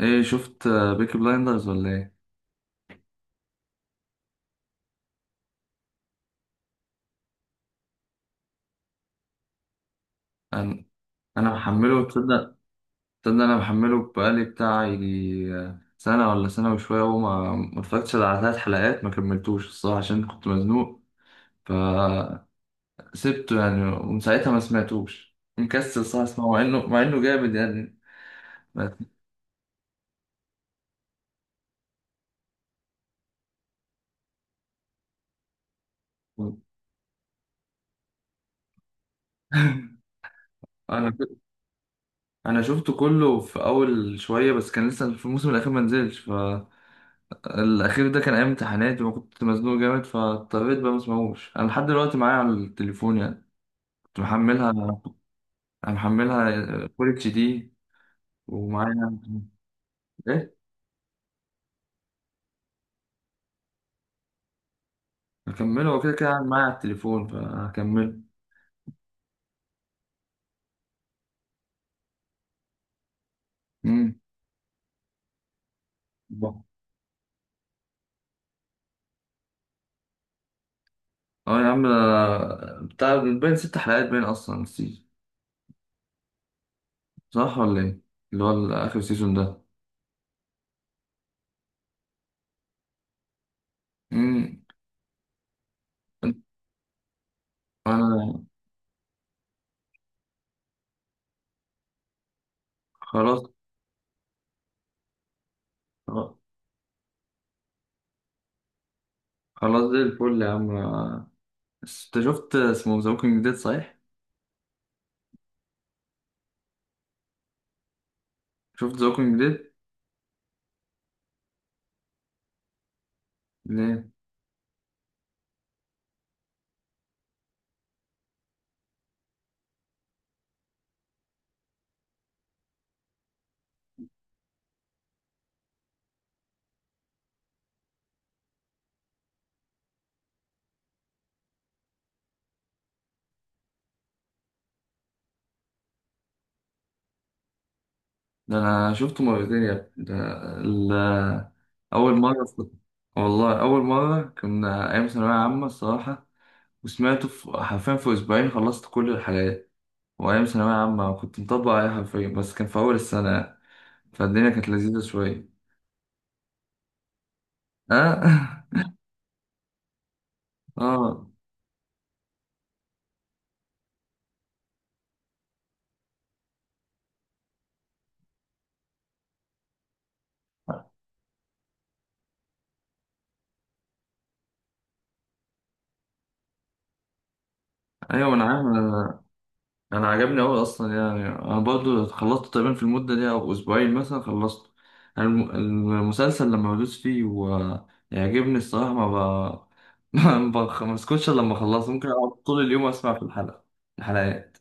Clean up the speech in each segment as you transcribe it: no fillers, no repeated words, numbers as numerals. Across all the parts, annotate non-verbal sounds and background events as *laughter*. ايه شفت بيكي بلايندرز ولا ايه؟ انا انا محمله تصدق، تصدق انا محمله بقالي بتاع يجي سنه ولا سنه وشويه، وما ما اتفرجتش إلا على 3 حلقات. ما كملتوش الصراحه عشان كنت مزنوق، فسبته يعني. ومن ساعتها ما سمعتوش، مكسل الصراحه اسمعه، مع انه جامد يعني. *laughs* انا انا شفته كله في اول شويه، بس كان لسه في الموسم الاخير ما نزلش. الأخير ده كان أيام امتحاناتي وكنت مزنوق جامد، فاضطريت بقى مسمعوش. أنا لحد دلوقتي معايا على التليفون يعني، كنت محملها أنا، محملها فول اتش دي ومعايا. إيه؟ هكمله هو كده كده قاعد معايا على التليفون فهكمله. أمم. الله. أه يا عم، أنا بتاع باين 6 حلقات، باين أصلا السيزون، صح ولا إيه؟ اللي هو آخر سيزون ده. أمم. أنا خلاص. خلاص زي الفل يا عم، أنت شفت اسمه ذا ووكينج ديد صحيح؟ شفت ذا ووكينج ديد؟ ليه؟ ده أنا شفته مرتين يا ابني ده. ال- أول مرة في... والله أول مرة كنا أيام ثانوية عامة الصراحة، وسمعته في حرفيا في أسبوعين خلصت كل الحلقات. وأيام ثانوية عامة كنت مطبق عليها حرفيا، بس كان في أول السنة فالدنيا كانت لذيذة شوية. أه. *laughs* آه. أيوة أنا عارف، انا عجبني اوي اصلا. يعني انا برضو خلصت تقريبا في المده دي، او اسبوعين مثلا خلصت. المسلسل لما بدوس فيه ويعجبني الصراحه ما ب... *laughs* ما بسكتش إلا لما اخلصه، ممكن اقعد طول اليوم اسمع في الحلقات.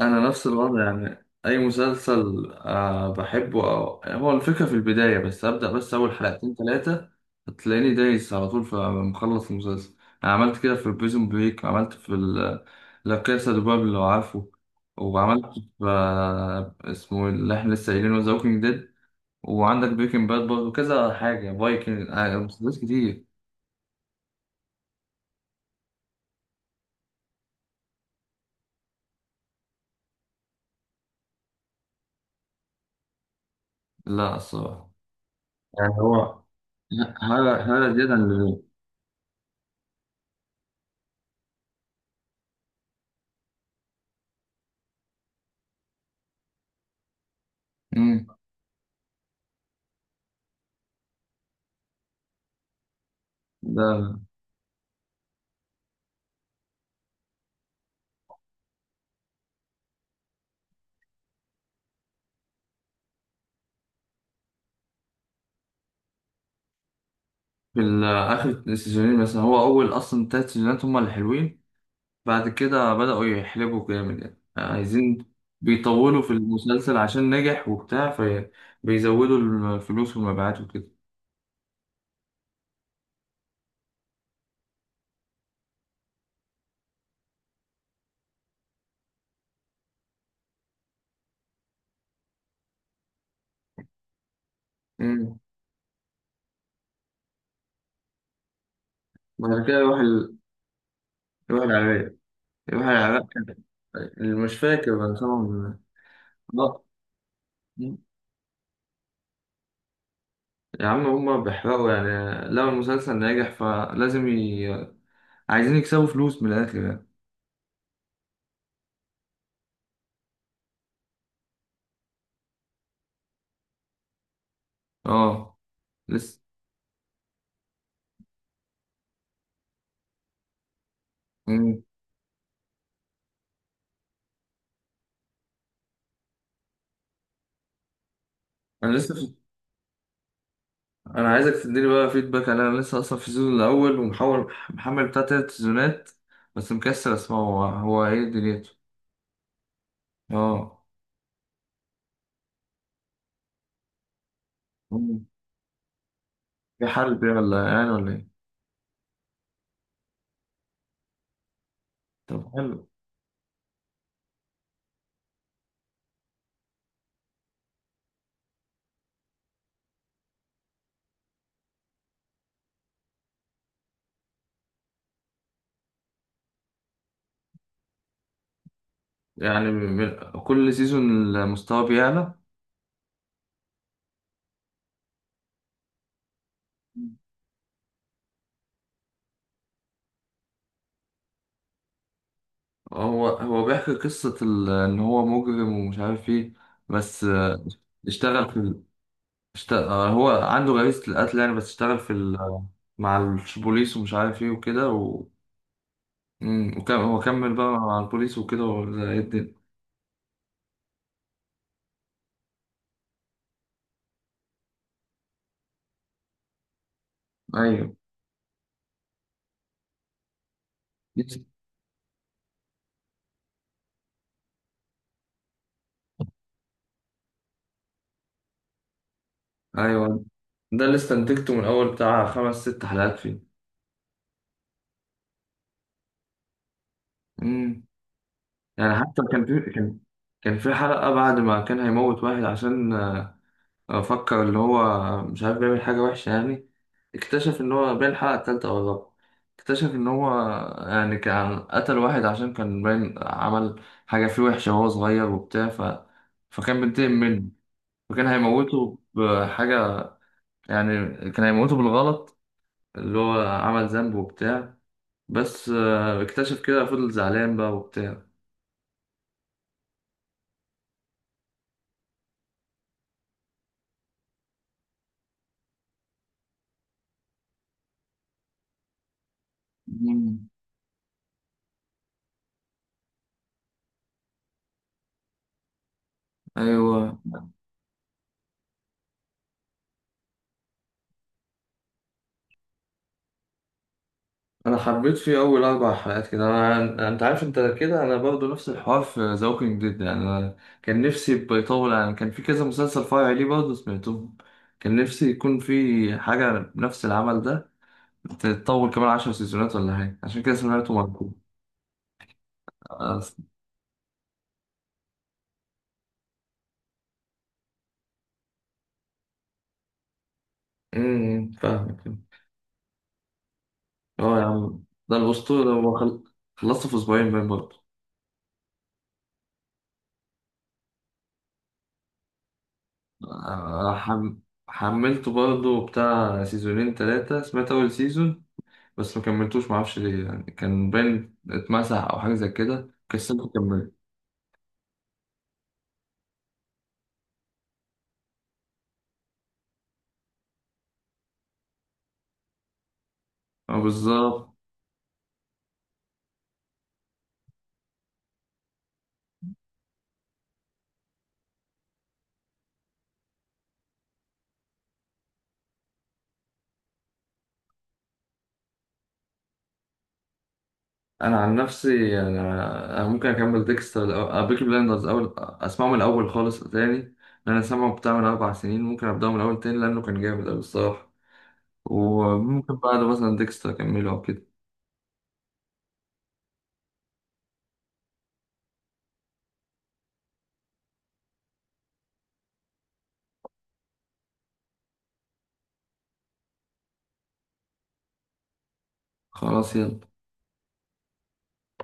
انا نفس الوضع، يعني اي مسلسل آه بحبه، أو يعني هو الفكره في البدايه، بس ابدا بس اول حلقتين ثلاثه هتلاقيني دايس على طول فمخلص المسلسل. انا عملت كده في بريزون بريك، وعملت في لا كاسا دي بابل لو عارفه، وعملت في اسمه إيه اللي احنا لسه قايلينه، ذا ووكينج ديد، وعندك بريكنج باد برضه كذا حاجه، فايكنج، آه، مسلسلات كتير. لا الصراحه يعني هو هلا هلا زياده عن اللزوم. مم. في آخر السيزونين مثلا، هو أول أصلا 3 سيزونات هما اللي حلوين، بعد كده بدأوا يحلبوا جامد، يعني عايزين بيطولوا في المسلسل عشان نجح وبتاع، فبيزودوا الفلوس والمبيعات وكده. مم. بعد كده يروح ال... يروح العراق. يروح العراق كان- يعني مش فاكر بقى طبعا. لا. مم. يا عم هما بيحرقوا يعني، لو المسلسل ناجح فلازم ي... عايزين يكسبوا فلوس من الآخر يعني. اه لسه. مم. انا لسه، انا عايزك تديني بقى فيدباك على، انا لسه اصلا في السيزون الاول، ومحاول محمل بتاع 3 سيزونات، بس مكسل اسمعه هو ايه دنيته. اه. مم. في حل بيه ولا يعني ولا ايه؟ طب حلو. يعني من- كل سيزون المستوى بيعلى. مم. هو بيحكي قصة إن هو مجرم ومش عارف إيه، بس اشتغل في ال... اشتغل، هو عنده غريزة القتل يعني، بس اشتغل في ال... مع البوليس ومش عارف إيه وكده. امم، وكم هو كمل بقى مع البوليس وكده ولا ايه الدنيا؟ ايوه. ايوه. ده اللي استنتجته من اول بتاع 5 أو 6 حلقات فيه. امم. يعني حتى كان في حلقة بعد ما كان هيموت واحد عشان فكر اللي هو مش عارف بيعمل حاجة وحشة يعني. اكتشف ان هو باين الحلقة التالتة او الرابعة، اكتشف ان هو يعني كان قتل واحد عشان كان باين عمل حاجة فيه وحشة وهو صغير وبتاع ف... فكان بينتقم منه، فكان هيموته بحاجة، يعني كان هيموته بالغلط اللي هو عمل ذنب وبتاع. بس اكتشف كده، فضل زعلان بقى وبتاع. مم. ايوه. انا حبيت فيه اول 4 حلقات كده، انا انت عارف انت كده، انا برضو نفس الحوار في ذا ووكينج ديد يعني. أنا كان نفسي يبقى يطول، يعني كان في كذا مسلسل فرعي ليه برضه سمعتهم، كان نفسي يكون في حاجة نفس العمل ده تتطول كمان 10 سيزونات ولا حاجة، عشان كده سمعته مرة. أمم، فاهمك. اه يا عم، ده الأسطورة هو خلصته في أسبوعين باين برضه. آه، حم... حملته برضه بتاع سيزونين تلاتة، سمعت أول سيزون بس ما كملتوش معرفش ليه، يعني كان باين اتمسح أو حاجة زي كده، كسلت كملت. اه بالظبط. أنا عن نفسي يعني أنا ممكن أكمل ديكستر أو بيكي بلاندرز، أول أسمعه من الأول خالص تاني، أنا سامعه بتاع من 4 سنين، ممكن أبدأه من الأول تاني لأنه كان جامد أوي الصراحة، وممكن بعده مثلا ديكستر أكمله أو كده. خلاص يلا.